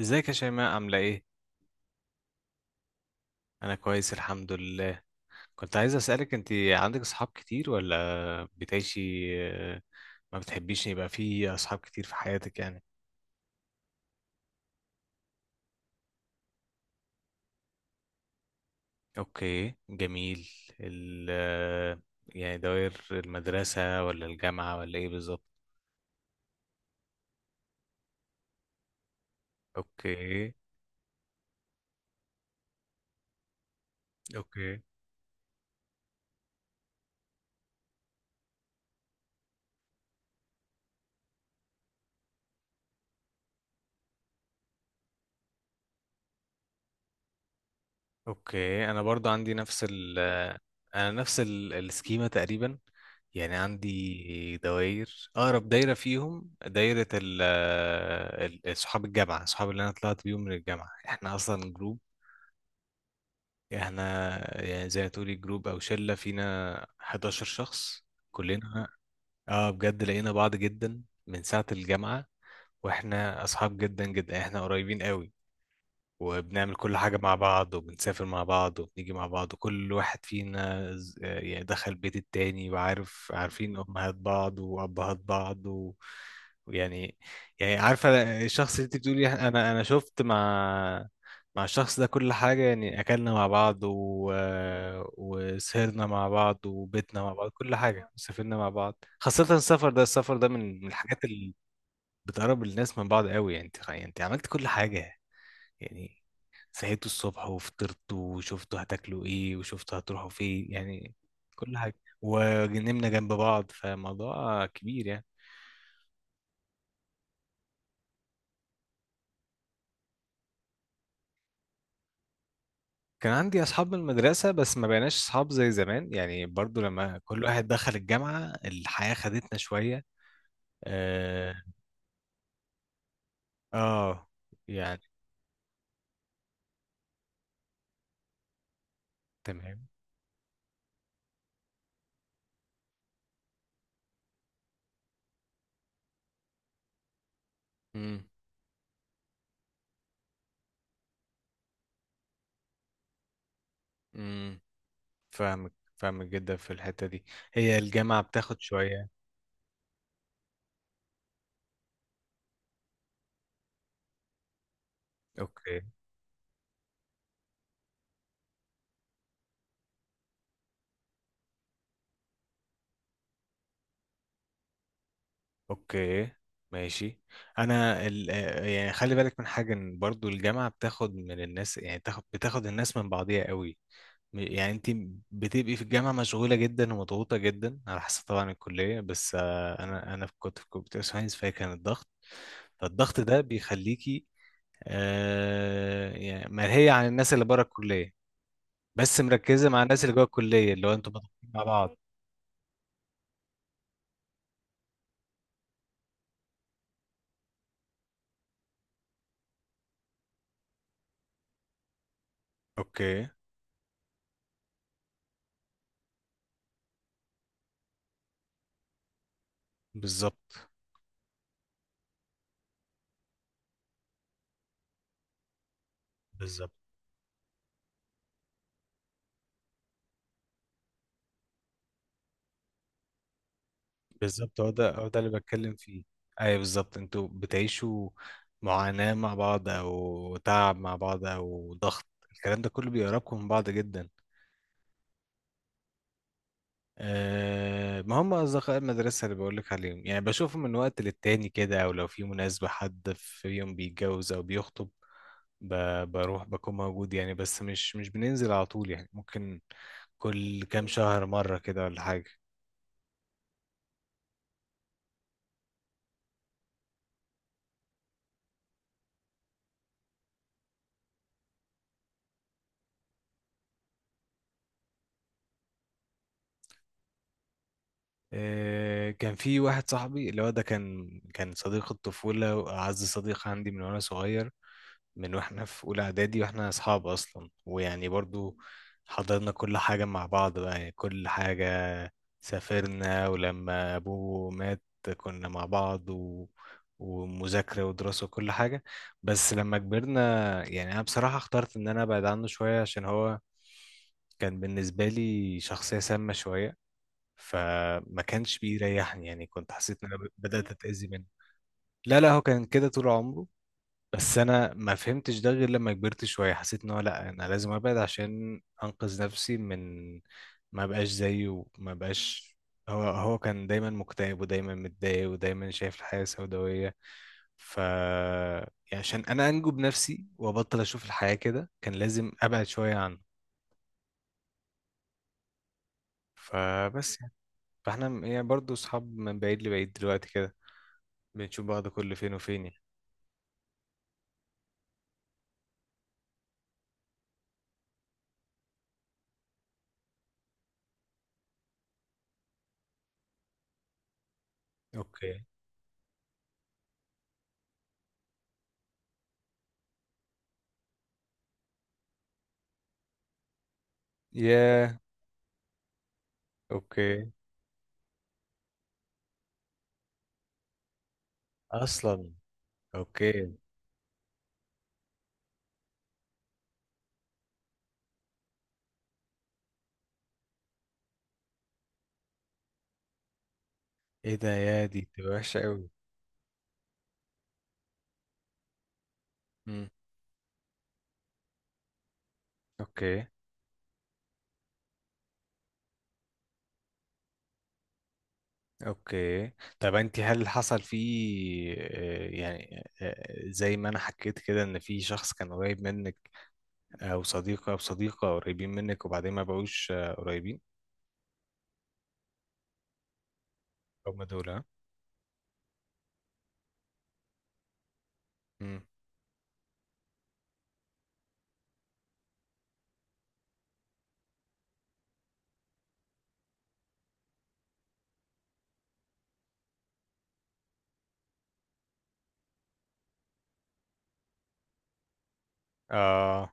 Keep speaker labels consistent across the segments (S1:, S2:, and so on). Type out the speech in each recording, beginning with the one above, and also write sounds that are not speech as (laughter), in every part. S1: ازيك يا شيماء عاملة ايه؟ أنا كويس الحمد لله. كنت عايز أسألك، انت عندك أصحاب كتير ولا بتعيشي؟ آه، ما بتحبيش ان يبقى في أصحاب كتير في حياتك يعني؟ اوكي، جميل. ال يعني دوائر المدرسة ولا الجامعة ولا ايه بالظبط؟ اوكي. اوكي. اوكي، انا برضو عندي نفس ال انا نفس ال- السكيمة تقريبا. يعني عندي دوائر، اقرب دايرة فيهم دايرة صحاب الجامعة، صحاب اللي انا طلعت بيهم من الجامعة. احنا اصلا جروب، احنا يعني زي ما تقولي جروب او شلة، فينا 11 شخص كلنا. اه بجد، لقينا بعض جدا من ساعة الجامعة، واحنا اصحاب جدا جدا، احنا قريبين قوي وبنعمل كل حاجة مع بعض وبنسافر مع بعض وبنيجي مع بعض، وكل واحد فينا يعني دخل بيت التاني، وعارف عارفين أمهات بعض وأبهات بعض و... ويعني يعني عارفة، الشخص اللي انت بتقولي أنا شفت مع مع الشخص ده كل حاجة، يعني أكلنا مع بعض و... وسهرنا مع بعض وبيتنا مع بعض، كل حاجة، سافرنا مع بعض، خاصة السفر ده، السفر ده من الحاجات اللي بتقرب الناس من بعض قوي. يعني انت، يعني انت عملت كل حاجة، يعني صحيتوا الصبح وفطرتوا وشفتوا هتاكلوا ايه وشفتوا هتروحوا فين، يعني كل حاجة، ونمنا جنب بعض، فموضوع كبير يعني. كان عندي اصحاب من المدرسة، بس ما بقيناش اصحاب زي زمان يعني، برضو لما كل واحد دخل الجامعة الحياة خدتنا شوية. اه، آه يعني. تمام. امم امم فاهمك جدا في الحتة دي، هي الجامعة بتاخد شوية. اوكي. اوكي. ماشي. انا آه، يعني خلي بالك من حاجه، ان برضو الجامعه بتاخد من الناس، يعني تاخد الناس من بعضيها قوي. يعني انت بتبقي في الجامعه مشغوله جدا ومضغوطه جدا، على حسب طبعا الكليه، بس آه، انا كنت في كمبيوتر ساينس، فهي كان الضغط. فالضغط ده بيخليكي آه، يعني مرهيه عن الناس اللي بره الكليه، بس مركزه مع الناس اللي جوه الكليه، اللي هو انتوا مضغوطين مع بعض. اوكي. بالظبط. بالظبط. بالظبط، هو ده اللي بتكلم فيه. ايوه بالظبط، انتوا بتعيشوا معاناة مع بعض او تعب مع بعض او ضغط، الكلام ده كله بيقربكم من بعض جدا. أه، ما هم اصدقاء المدرسة اللي بقولك عليهم، يعني بشوفهم من وقت للتاني كده، او لو في مناسبة، حد في يوم بيتجوز او بيخطب، بروح بكون موجود يعني، بس مش بننزل على طول يعني، ممكن كل كام شهر مرة كده ولا حاجة. آه، كان في واحد صاحبي، اللي هو ده كان صديق الطفولة وأعز صديق عندي من وأنا صغير، من وإحنا في أولى إعدادي وإحنا أصحاب أصلا، ويعني برضو حضرنا كل حاجة مع بعض بقى، يعني كل حاجة، سافرنا، ولما أبوه مات كنا مع بعض و... ومذاكرة ودراسة وكل حاجة. بس لما كبرنا، يعني أنا بصراحة اخترت إن أنا أبعد عنه شوية، عشان هو كان بالنسبة لي شخصية سامة شوية، فما كانش بيريحني، يعني كنت حسيت ان انا بدات اتاذي منه. لا لا، هو كان كده طول عمره، بس انا ما فهمتش ده غير لما كبرت شويه، حسيت ان هو لا، انا لازم ابعد عشان انقذ نفسي من ما بقاش زيه ما بقاش هو كان دايما مكتئب ودايما متضايق ودايما شايف الحياه سوداويه، ف يعني عشان انا انجو بنفسي وابطل اشوف الحياه كده، كان لازم ابعد شويه عنه. فبس يعني فاحنا يعني برضه اصحاب من بعيد لبعيد دلوقتي كده، بنشوف بعض كل فين وفين يعني. اوكي. يا. اوكي. اصلا. اوكي. ايه ده، يا دي تبقى وحشه قوي. امم. اوكي. اوكي. طب انت، هل حصل فيه آه، يعني آه، زي ما انا حكيت كده، ان في شخص كان قريب منك، او صديق او صديقه قريبين منك، وبعدين ما بقوش آه، قريبين؟ هم دول ها. امم. اه،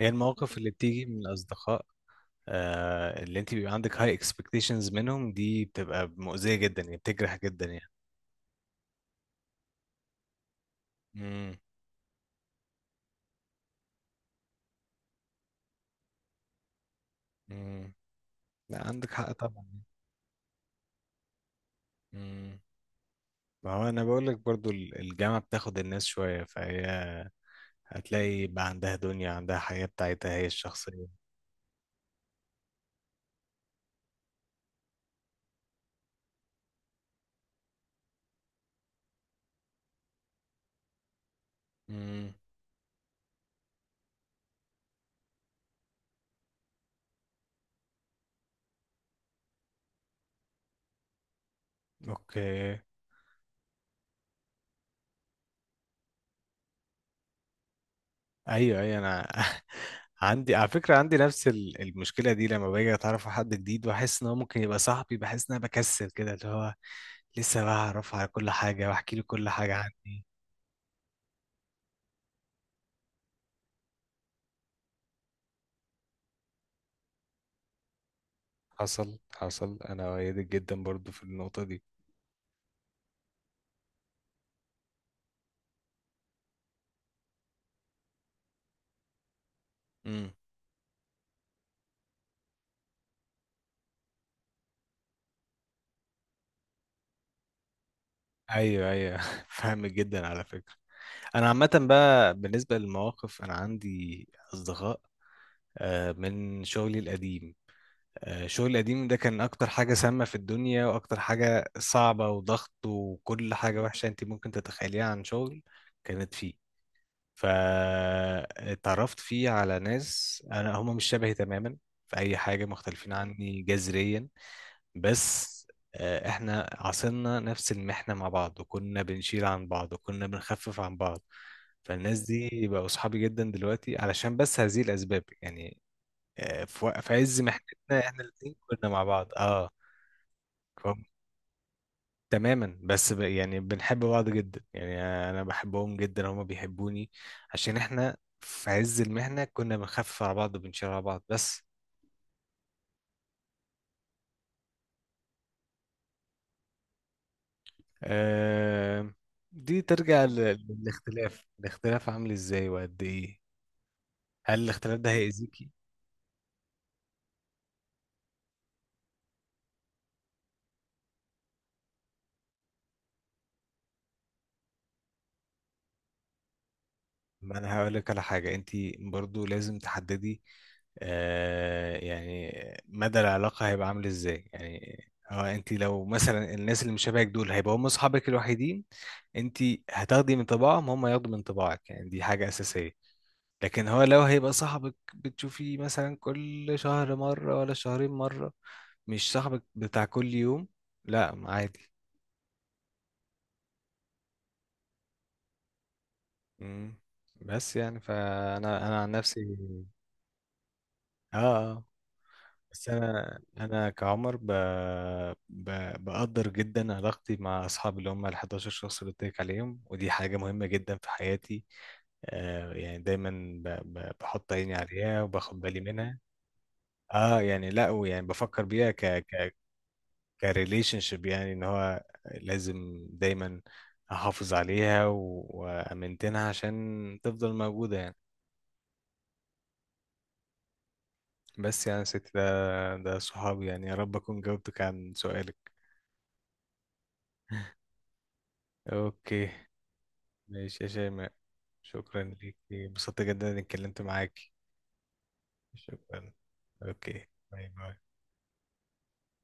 S1: هي المواقف اللي بتيجي من الاصدقاء، آه، اللي انت بيبقى عندك هاي اكسبكتيشنز منهم، دي بتبقى مؤذية جدا يعني، بتجرح جدا يعني. امم. امم. لا، عندك حق طبعا. امم. ما هو انا بقول لك برضو، الجامعة بتاخد الناس شوية، فهي هتلاقي بقى عندها دنيا، عندها حياة بتاعتها هي الشخصية. امم. اوكي. ايوه ايوه، انا (laughs) عندي على فكرة، عندي نفس المشكلة دي، لما باجي اتعرف على حد جديد واحس ان هو ممكن يبقى صاحبي، بحس ان انا بكسل كده، اللي هو لسه بعرف على كل حاجة واحكي له كل حاجة عني. حصل انا أؤيدك جدا برضو في النقطة دي. امم. ايوه ايوه (laughs) فاهم جدا على فكرة. انا عامة بقى بالنسبة للمواقف، انا عندي اصدقاء آه، من شغلي القديم. آه، شغلي القديم ده كان اكتر حاجة سامة في الدنيا، واكتر حاجة صعبة وضغط وكل حاجة وحشة انت ممكن تتخيليها عن شغل كانت فيه. فاتعرفت فيه على ناس، انا هم مش شبهي تماما في اي حاجة، مختلفين عني جذريا، بس آه، احنا عاصرنا نفس المحنة مع بعض، وكنا بنشيل عن بعض وكنا بنخفف عن بعض، فالناس دي بقوا صحابي جدا دلوقتي علشان بس هذه الأسباب يعني. آه، في عز محنتنا احنا الاتنين كنا مع بعض. اه، فهم- تماما، بس يعني بنحب بعض جدا يعني، انا بحبهم جدا هما بيحبوني، عشان احنا في عز المحنة كنا بنخفف على بعض وبنشيل على بعض، بس آه، دي ترجع للاختلاف، الاختلاف عامل ازاي وقد ايه، هل الاختلاف ده هيأذيكي. ما انا هقول لك على حاجة، انت برضو لازم تحددي آه يعني مدى العلاقة هيبقى عامل ازاي يعني، هو انت لو مثلا الناس اللي مش شبهك دول هيبقوا هم اصحابك الوحيدين، انت هتاخدي من طباعهم، هم ياخدوا من طباعك يعني، دي حاجة أساسية. لكن هو لو هيبقى صاحبك بتشوفيه مثلا كل شهر مرة ولا شهرين مرة، مش صاحبك بتاع كل يوم، لا عادي. مم. بس يعني، فانا انا عن نفسي اه آه، بس انا كعمر ب... بقدر جدا علاقتي مع اصحابي اللي هم ال 11 شخص اللي قلت لك عليهم، ودي حاجه مهمه جدا في حياتي. آه يعني دايما بحط عيني عليها وباخد بالي منها. اه يعني، لا ويعني بفكر بيها كريليشن شيب، يعني ان هو لازم دايما احافظ عليها وامنتنها عشان تفضل موجودة يعني. بس يعني ست، ده صحابي يعني، يا رب اكون جاوبتك عن سؤالك. اوكي. ماشي يا شيماء، شكرا ليك، انبسطت جدا اني اتكلمت معاكي. شكرا. اوكي. باي باي.